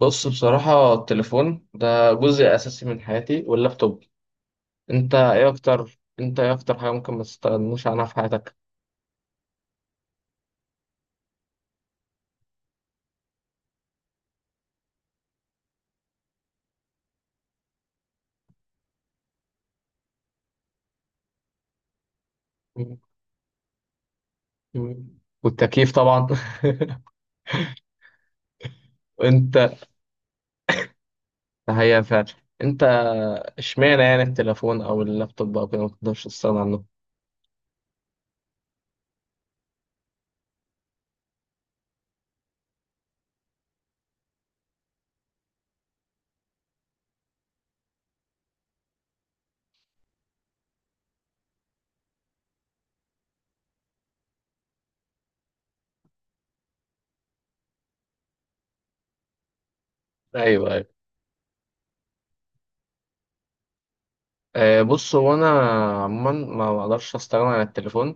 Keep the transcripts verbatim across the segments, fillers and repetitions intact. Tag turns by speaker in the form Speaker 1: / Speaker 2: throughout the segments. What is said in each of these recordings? Speaker 1: بص، بصراحة التليفون ده جزء أساسي من حياتي واللابتوب. أنت إيه أكتر أنت إيه أكتر حاجة ممكن ما تستغنوش عنها في حياتك؟ مم. مم. والتكييف طبعا. وأنت؟ هي فعلا. أنت، إشمعنى يعني التليفون أو اللابتوب أو كده ما تقدرش تستغنى عنه؟ أيوه، أيوه. آه، بص، هو أنا عموما ما بقدرش أستغنى عن التليفون،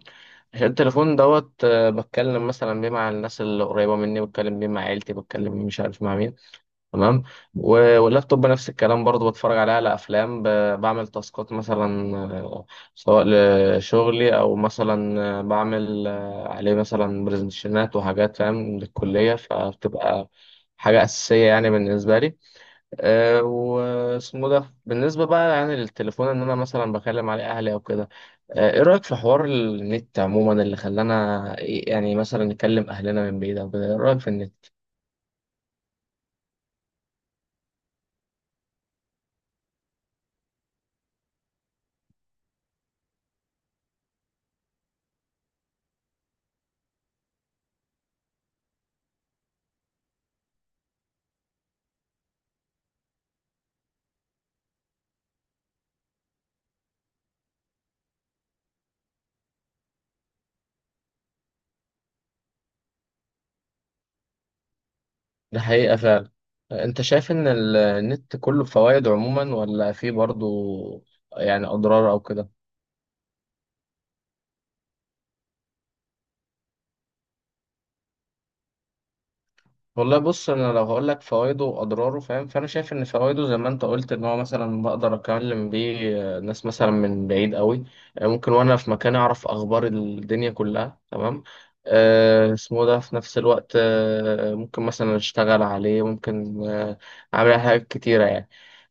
Speaker 1: عشان التليفون دوت آه، بتكلم مثلا بيه مع الناس اللي قريبة مني، بتكلم بيه مع عيلتي، بتكلم مش عارف مع مين. تمام. و- واللابتوب نفس الكلام برضو، بتفرج عليه على افلام، ب- بعمل تاسكات مثلا، آه، سواء لشغلي او مثلا، آه، بعمل آه، عليه مثلا برزنتيشنات وحاجات، فاهم، للكليه، فبتبقى حاجه اساسيه يعني بالنسبه لي. آه، واسمه ده بالنسبه بقى يعني للتليفون، ان انا مثلا بكلم عليه اهلي او كده. آه، ايه رايك في حوار النت عموما، اللي خلانا يعني مثلا نكلم اهلنا من بعيد او كده؟ ايه رايك في النت؟ ده حقيقة فعلا. انت شايف ان ال- النت كله فوائد عموما، ولا فيه برضو يعني اضرار او كده؟ والله بص، انا لو هقول لك فوائده واضراره، فاهم، فانا شايف ان فوائده زي ما انت قلت، ان هو مثلا بقدر اكلم بيه ناس مثلا من بعيد قوي، ممكن وانا في مكان اعرف اخبار الدنيا كلها. تمام. آه، اسمه ده في نفس الوقت، آه، ممكن مثلا اشتغل عليه، ممكن آه، اعمل حاجات كتيرة يعني.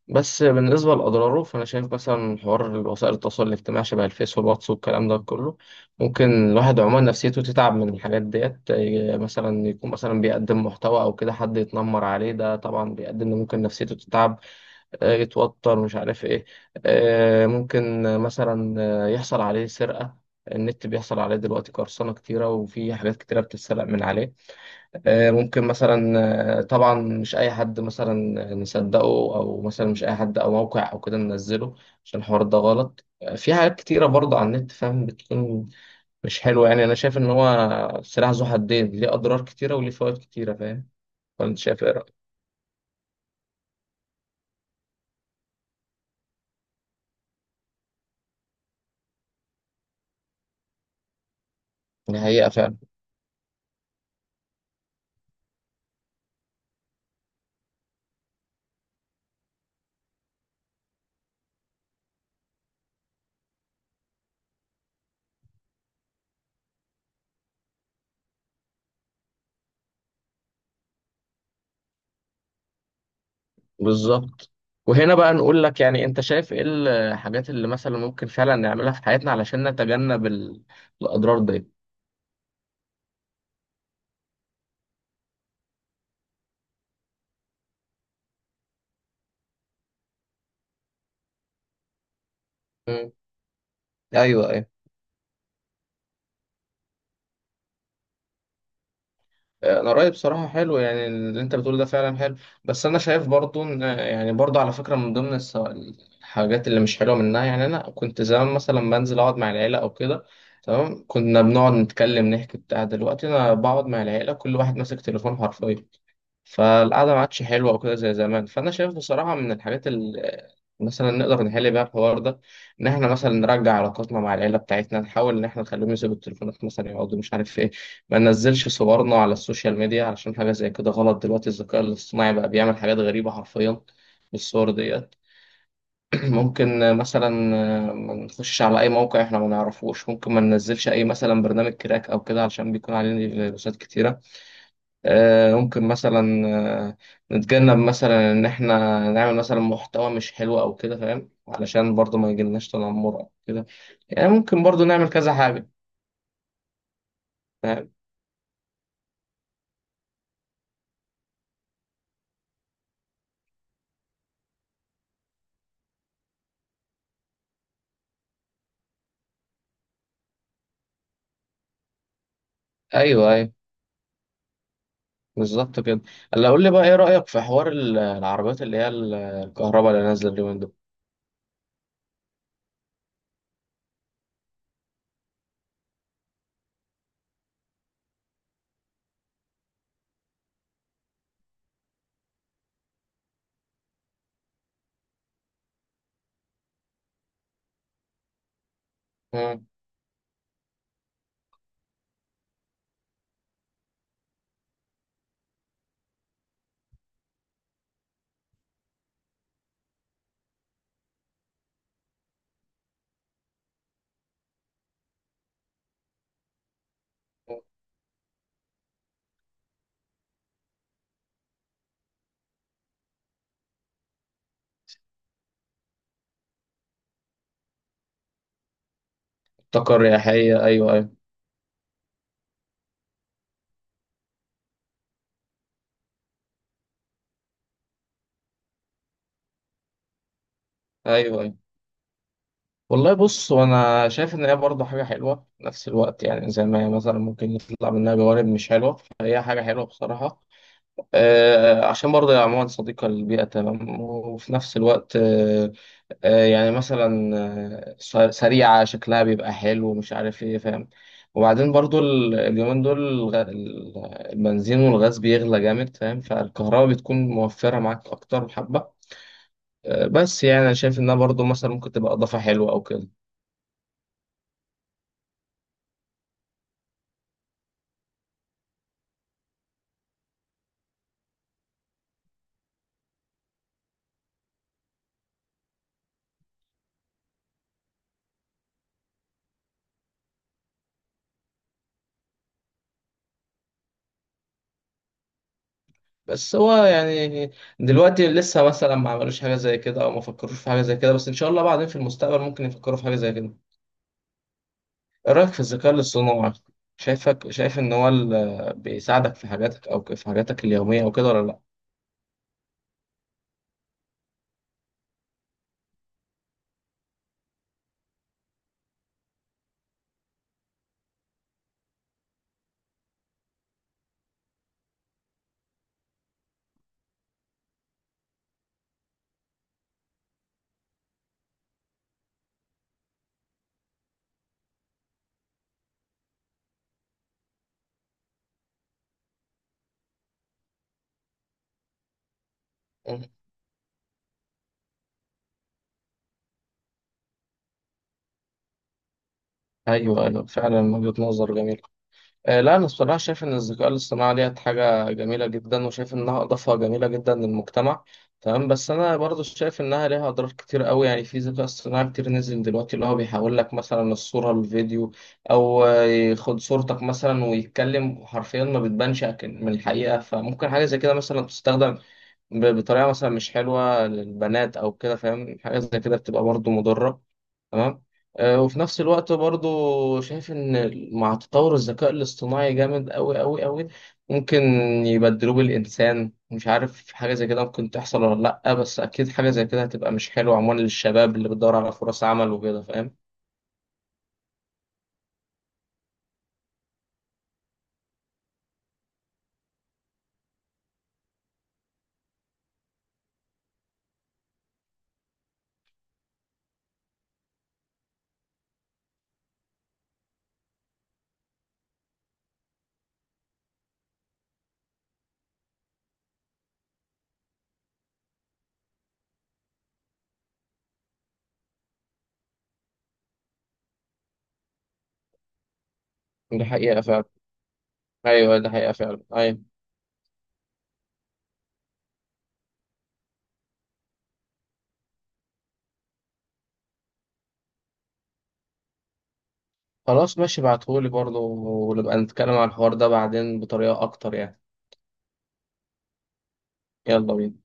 Speaker 1: بس بالنسبة لأضراره، فأنا شايف مثلا حوار وسائل التواصل الاجتماعي، شبه الفيس والواتس والكلام ده كله، ممكن الواحد عموما نفسيته تتعب من الحاجات ديت. إيه، مثلا يكون مثلا بيقدم محتوى أو كده، حد يتنمر عليه، ده طبعا بيؤدي إن ممكن نفسيته تتعب، آه، يتوتر، مش عارف إيه. آه، ممكن مثلا، آه، يحصل عليه سرقة. النت بيحصل عليه دلوقتي قرصنة كتيرة، وفي حاجات كتيرة بتتسرق من عليه. آه، ممكن مثلا، آه، طبعا مش اي حد مثلا نصدقه، او مثلا مش اي حد او موقع او كده ننزله، عشان الحوار ده غلط. آه، في حاجات كتيره برضه على النت، فاهم، بتكون مش حلوه يعني. انا شايف ان هو سلاح ذو حدين، ليه اضرار كتيره وليه فوائد كتيره، فاهم؟ فانت شايف ايه رايك؟ دي حقيقه فعلا. بالظبط. وهنا بقى نقول لك، يعني انت شايف ايه الحاجات اللي مثلا ممكن فعلا نعملها في حياتنا علشان نتجنب ال- الاضرار دي؟ مم. ايوه، ايوه. آه، انا رايي بصراحه حلو، يعني اللي انت بتقول ده فعلا حلو. بس انا شايف برضو ان، آه، يعني برضو على فكره، من ضمن الس- الحاجات اللي مش حلوه منها، يعني انا كنت زمان مثلا بنزل اقعد مع العيله او كده، تمام، كنا بنقعد نتكلم نحكي بتاع. دلوقتي انا بقعد مع العيله كل واحد ماسك تليفون حرفيا، فالقعدة ما عادش حلوة وكده زي زمان. فأنا شايف بصراحة من الحاجات اللي مثلا نقدر نحل بيها الحوار ده، إن إحنا مثلا نرجع علاقاتنا مع العيلة بتاعتنا، نحاول إن إحنا نخليهم يسيبوا التليفونات مثلا، يقعدوا مش عارف إيه. ما ننزلش صورنا على السوشيال ميديا، علشان حاجة زي كده غلط دلوقتي، الذكاء الاصطناعي بقى بيعمل حاجات غريبة حرفيا بالصور ديت. ممكن مثلا ما نخشش على أي موقع إحنا ما نعرفوش، ممكن ما ننزلش أي مثلا برنامج كراك أو كده، علشان بيكون عليه فيروسات كتيرة. آه، ممكن مثلا، آه، نتجنب مثلا ان احنا نعمل مثلا محتوى مش حلو او كده، فاهم، علشان برضو ما يجيلناش تنمر او كده. يعني ممكن برضو نعمل كذا حاجة، فاهم؟ ايوه، ايوه، بالظبط كده. اللي اقول لي بقى، ايه رأيك في حوار ال- العربيات اللي هي ال- الكهرباء اللي نازلة اليومين دول؟ مم. طاقة رياحية، ايوه، ايوه. ايوه، ايوه. والله بص، وانا شايف ان هي برضه حاجه حلوه في نفس الوقت، يعني زي ما هي مثلا ممكن يطلع منها جوانب مش حلوه، فهي حاجه حلوه بصراحه. آه، عشان برضه يا عموما صديقة للبيئة، تمام، وفي نفس الوقت آه، آه، يعني مثلا آه، س- سريعة، شكلها بيبقى حلو ومش عارف ايه، فاهم. وبعدين برضه ال- اليومين دول الغ- ال- البنزين والغاز بيغلى جامد، فاهم، فالكهرباء بتكون موفرة معاك أكتر بحبة. آه، بس يعني أنا شايف إنها برضه مثلا ممكن تبقى إضافة حلوة أو كده. بس هو يعني دلوقتي لسه مثلا ما عملوش حاجة زي كده، أو ما فكروش في حاجة زي كده، بس إن شاء الله بعدين في المستقبل ممكن يفكروا في حاجة زي كده. ايه رأيك في الذكاء الاصطناعي؟ شايفك شايف ان هو ال- بيساعدك في حاجاتك، او في حاجاتك اليومية وكده، ولا لا؟ مم. ايوه، ايوه، فعلا وجهة نظر جميل. آه لا، انا الصراحة شايف ان الذكاء الاصطناعي ديت حاجة جميلة جدا، وشايف انها اضافة جميلة جدا للمجتمع، تمام. بس انا برضو شايف انها ليها اضرار كتير قوي، يعني في ذكاء اصطناعي كتير نزل دلوقتي اللي هو بيحول لك مثلا الصورة الفيديو، او آه، ياخد صورتك مثلا ويتكلم حرفيا، ما بتبانش أكن- من الحقيقة. فممكن حاجة زي كده مثلا تستخدم ب- بطريقه مثلا مش حلوه للبنات او كده، فاهم، حاجه زي كده بتبقى برضو مضره. تمام. آه، وفي نفس الوقت برضو شايف ان مع تطور الذكاء الاصطناعي جامد قوي قوي قوي، ممكن يبدلوه بالانسان، مش عارف حاجه زي كده ممكن تحصل ولا لا، بس اكيد حاجه زي كده هتبقى مش حلوه عموما للشباب اللي بتدور على فرص عمل وكده، فاهم. دي حقيقه فعلا. ايوه دي حقيقه فعلا، ايوه. خلاص، ماشي، ابعتهولي برضو، ونبقى نتكلم على الحوار ده بعدين بطريقه اكتر يعني. يلا بينا.